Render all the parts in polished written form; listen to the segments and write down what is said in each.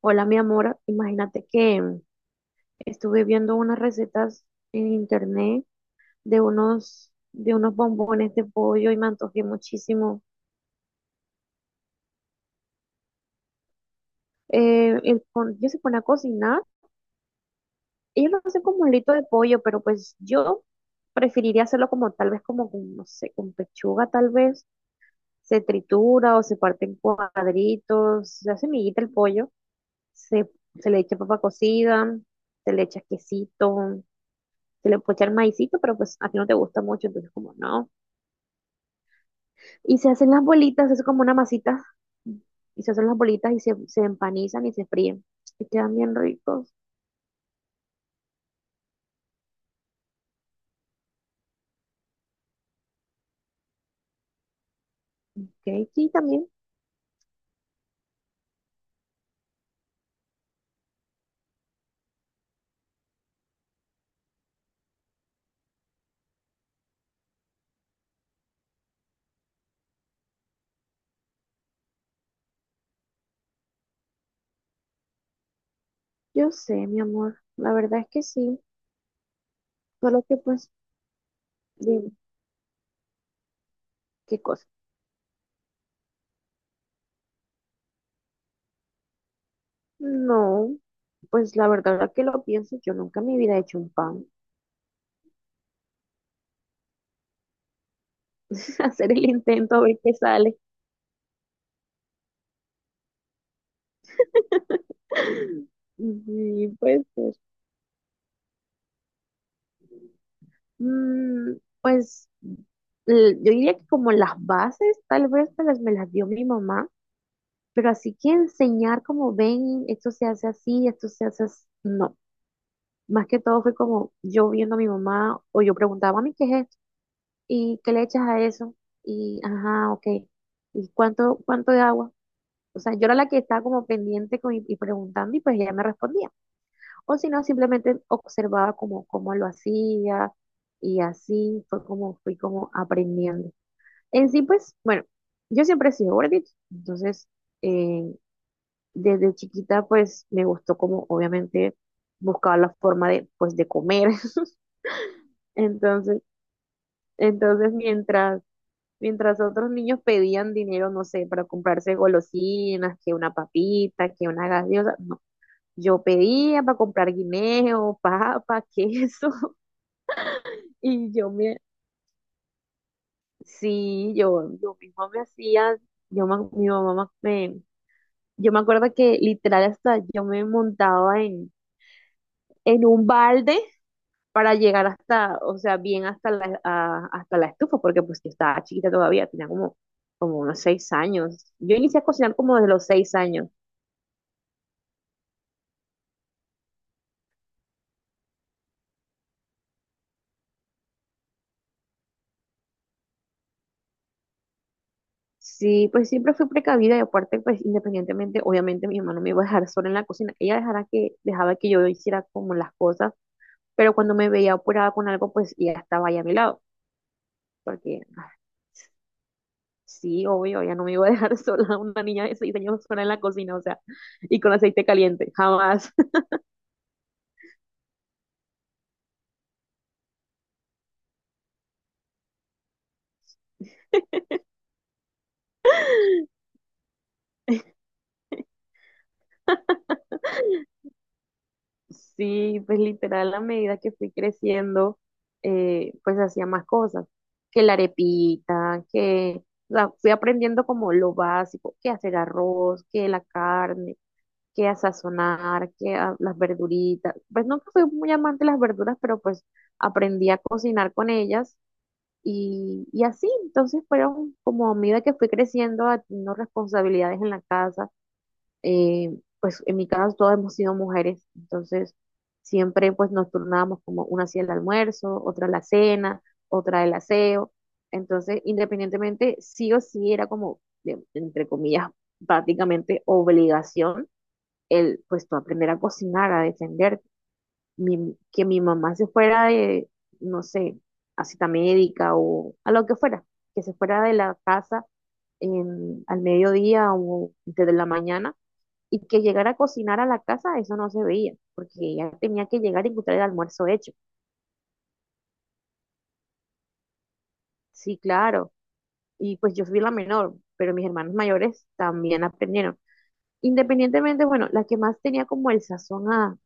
Hola, mi amor. Imagínate que estuve viendo unas recetas en internet de unos bombones de pollo y me antojé muchísimo. Yo se pone a cocinar. Ellos lo hacen como un lito de pollo, pero pues yo preferiría hacerlo como tal vez como con, no sé, con pechuga tal vez. Se tritura o se parte en cuadritos, se hace miguita el pollo, se, se le echa papa cocida, se le echa quesito, se le puede echar maicito, pero pues a ti no te gusta mucho, entonces como no. Y se hacen las bolitas, es como una masita, y se hacen las bolitas y se empanizan y se fríen, y quedan bien ricos. Ok, sí, también, yo sé, mi amor, la verdad es que sí, solo que pues, dime, ¿qué cosa? No, pues la verdad es que lo pienso, yo nunca en mi vida he hecho un pan. Hacer el intento a ver qué sale. Sí, puede ser. Mm, pues yo diría que como las bases, tal vez me las, dio mi mamá, pero así que enseñar como ven, esto se hace así, esto se hace así, no. Más que todo fue como yo viendo a mi mamá o yo preguntaba, mami, ¿qué es esto? ¿Y qué le echas a eso? Y, ajá, ok. ¿Y cuánto de agua? O sea, yo era la que estaba como pendiente y preguntando y pues ella me respondía. O si no, simplemente observaba como cómo lo hacía y así fue como fui como aprendiendo. En sí, pues, bueno, yo siempre he sido gordita, entonces eh, desde chiquita, pues, me gustó como, obviamente, buscaba la forma de, pues, de comer. Entonces, entonces mientras, mientras otros niños pedían dinero, no sé, para comprarse golosinas, que una papita, que una gaseosa, no. Yo pedía para comprar guineo, papa, queso, y yo me, sí, yo misma me hacía, mi mamá me. Yo me acuerdo que literal hasta yo me montaba en, un balde para llegar hasta, o sea, bien hasta la estufa, porque pues yo estaba chiquita todavía, tenía como unos 6 años. Yo inicié a cocinar como desde los 6 años. Sí, pues siempre fui precavida y aparte, pues independientemente, obviamente mi mamá no me iba a dejar sola en la cocina. Ella dejaba que yo hiciera como las cosas, pero cuando me veía apurada con algo, pues ella estaba ahí a mi lado, porque sí, obvio, ya no me iba a dejar sola una niña de 6 años sola en la cocina, o sea, y con aceite caliente, jamás. Sí, pues literal, a medida que fui creciendo, pues hacía más cosas, que la arepita, que, o sea, fui aprendiendo como lo básico, que hacer arroz, que la carne, que a sazonar, que las verduritas. Pues nunca fui muy amante de las verduras, pero pues aprendí a cocinar con ellas. Y así, entonces fueron como a medida que fui creciendo, teniendo responsabilidades en la casa, pues en mi casa todas hemos sido mujeres, entonces siempre pues nos turnábamos como una hacía el almuerzo, otra la cena, otra el aseo, entonces independientemente sí o sí era como, entre comillas, prácticamente obligación el pues tú aprender a cocinar, a defenderte que mi mamá se fuera de, no sé, a cita médica o a lo que fuera, que se fuera de la casa al mediodía o desde la mañana y que llegara a cocinar a la casa, eso no se veía, porque ella tenía que llegar y encontrar el almuerzo hecho. Sí, claro. Y pues yo fui la menor, pero mis hermanos mayores también aprendieron. Independientemente, bueno, la que más tenía como el sazón a,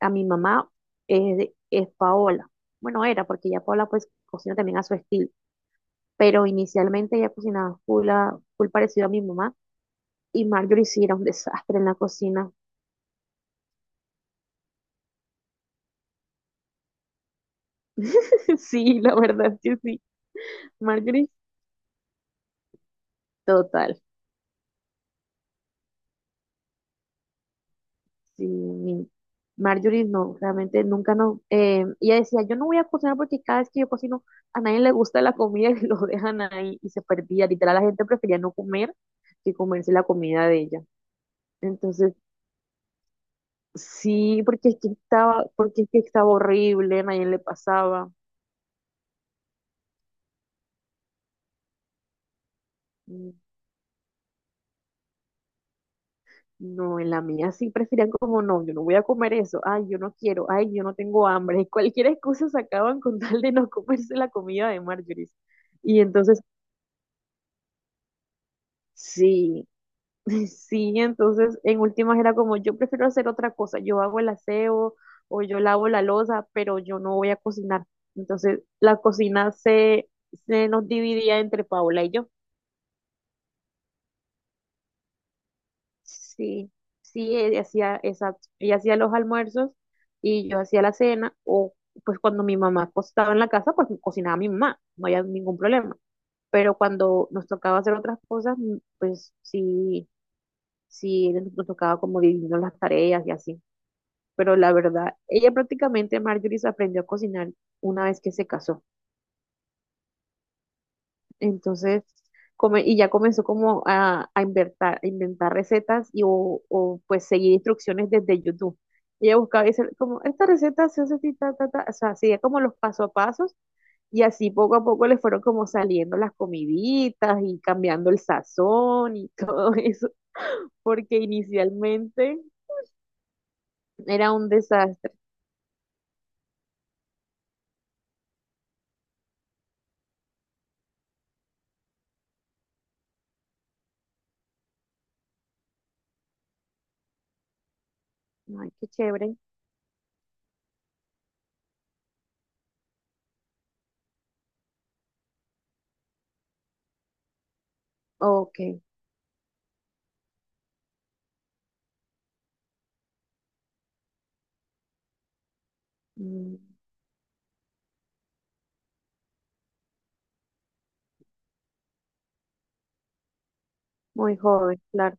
a mi mamá es Paola. Bueno, era, porque ya Paola pues cocina también a su estilo, pero inicialmente ella cocinaba full, full parecido a mi mamá, y Marjorie sí era un desastre en la cocina. Sí, la verdad es que sí. Marjorie, total. Sí, Marjorie no, realmente nunca no. Ella decía, yo no voy a cocinar porque cada vez que yo cocino a nadie le gusta la comida y lo dejan ahí y se perdía. Literal, la gente prefería no comer que comerse la comida de ella. Entonces, sí, porque es que estaba horrible, a nadie le pasaba. Mm. No, en la mía sí preferían como no, yo no voy a comer eso, ay, yo no quiero, ay, yo no tengo hambre. Y cualquier excusa sacaban con tal de no comerse la comida de Marjorie. Y entonces, sí, sí, entonces en últimas era como yo prefiero hacer otra cosa, yo hago el aseo o yo lavo la loza, pero yo no voy a cocinar. Entonces la cocina se, nos dividía entre Paola y yo. Sí, sí, ella hacía, exacto, ella hacía los almuerzos y yo hacía la cena, o pues cuando mi mamá estaba en la casa, pues cocinaba mi mamá, no había ningún problema. Pero cuando nos tocaba hacer otras cosas, pues sí, sí, nos tocaba como dividirnos las tareas y así. Pero la verdad, ella prácticamente, Marjorie, se aprendió a cocinar una vez que se casó. Entonces, y ya comenzó como a inventar recetas y pues seguir instrucciones desde YouTube. Ella buscaba y decía, como, esta receta se hace así, ta, ta, ta. O sea, hacía como los paso a pasos y así poco a poco le fueron como saliendo las comiditas y cambiando el sazón y todo eso, porque inicialmente era un desastre. Ay, qué chévere. Ok. mm, Muy joven, claro.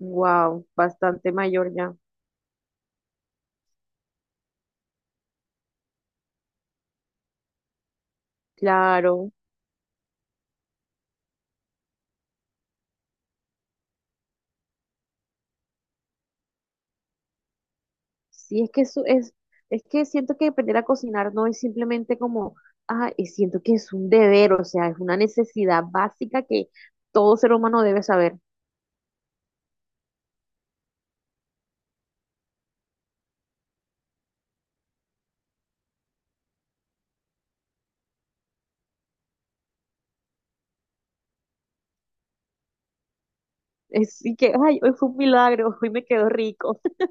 Wow, bastante mayor ya. Claro. Sí, es que siento que aprender a cocinar no es simplemente como, ah, y siento que es un deber, o sea, es una necesidad básica que todo ser humano debe saber. Es y que, ay, hoy fue un milagro, hoy me quedó rico.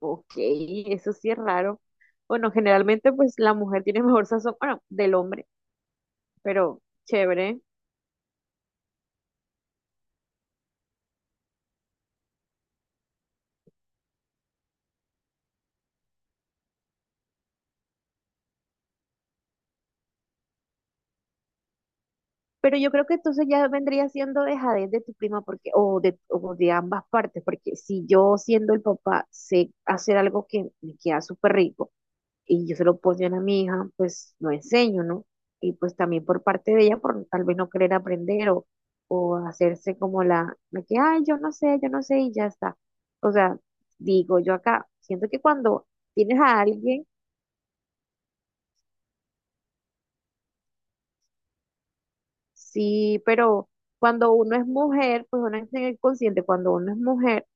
Ok, eso sí es raro. Bueno, generalmente pues la mujer tiene mejor sazón, bueno, del hombre, pero chévere. Pero yo creo que entonces ya vendría siendo dejadez de tu prima porque, o de, ambas partes, porque si yo siendo el papá sé hacer algo que me queda súper rico, y yo se lo pongo a mi hija, pues lo enseño, ¿no? Y pues también por parte de ella, por tal vez no querer aprender o, hacerse como la que, ay, yo no sé y ya está. O sea, digo yo acá, siento que cuando tienes a alguien, sí, pero cuando uno es mujer, pues uno es el consciente, cuando uno es mujer,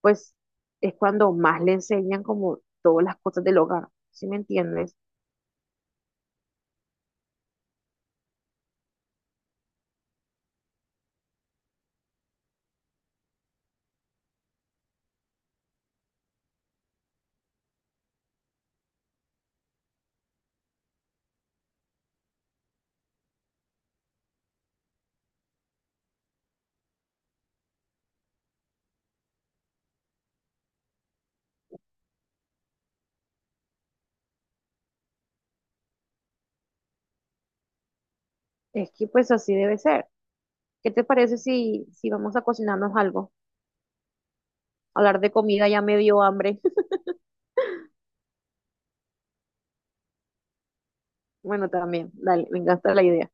pues es cuando más le enseñan como todas las cosas del hogar, ¿sí me entiendes? Es que pues así debe ser. ¿Qué te parece si, vamos a cocinarnos algo? Hablar de comida ya me dio hambre. Bueno, también, dale, me encanta la idea.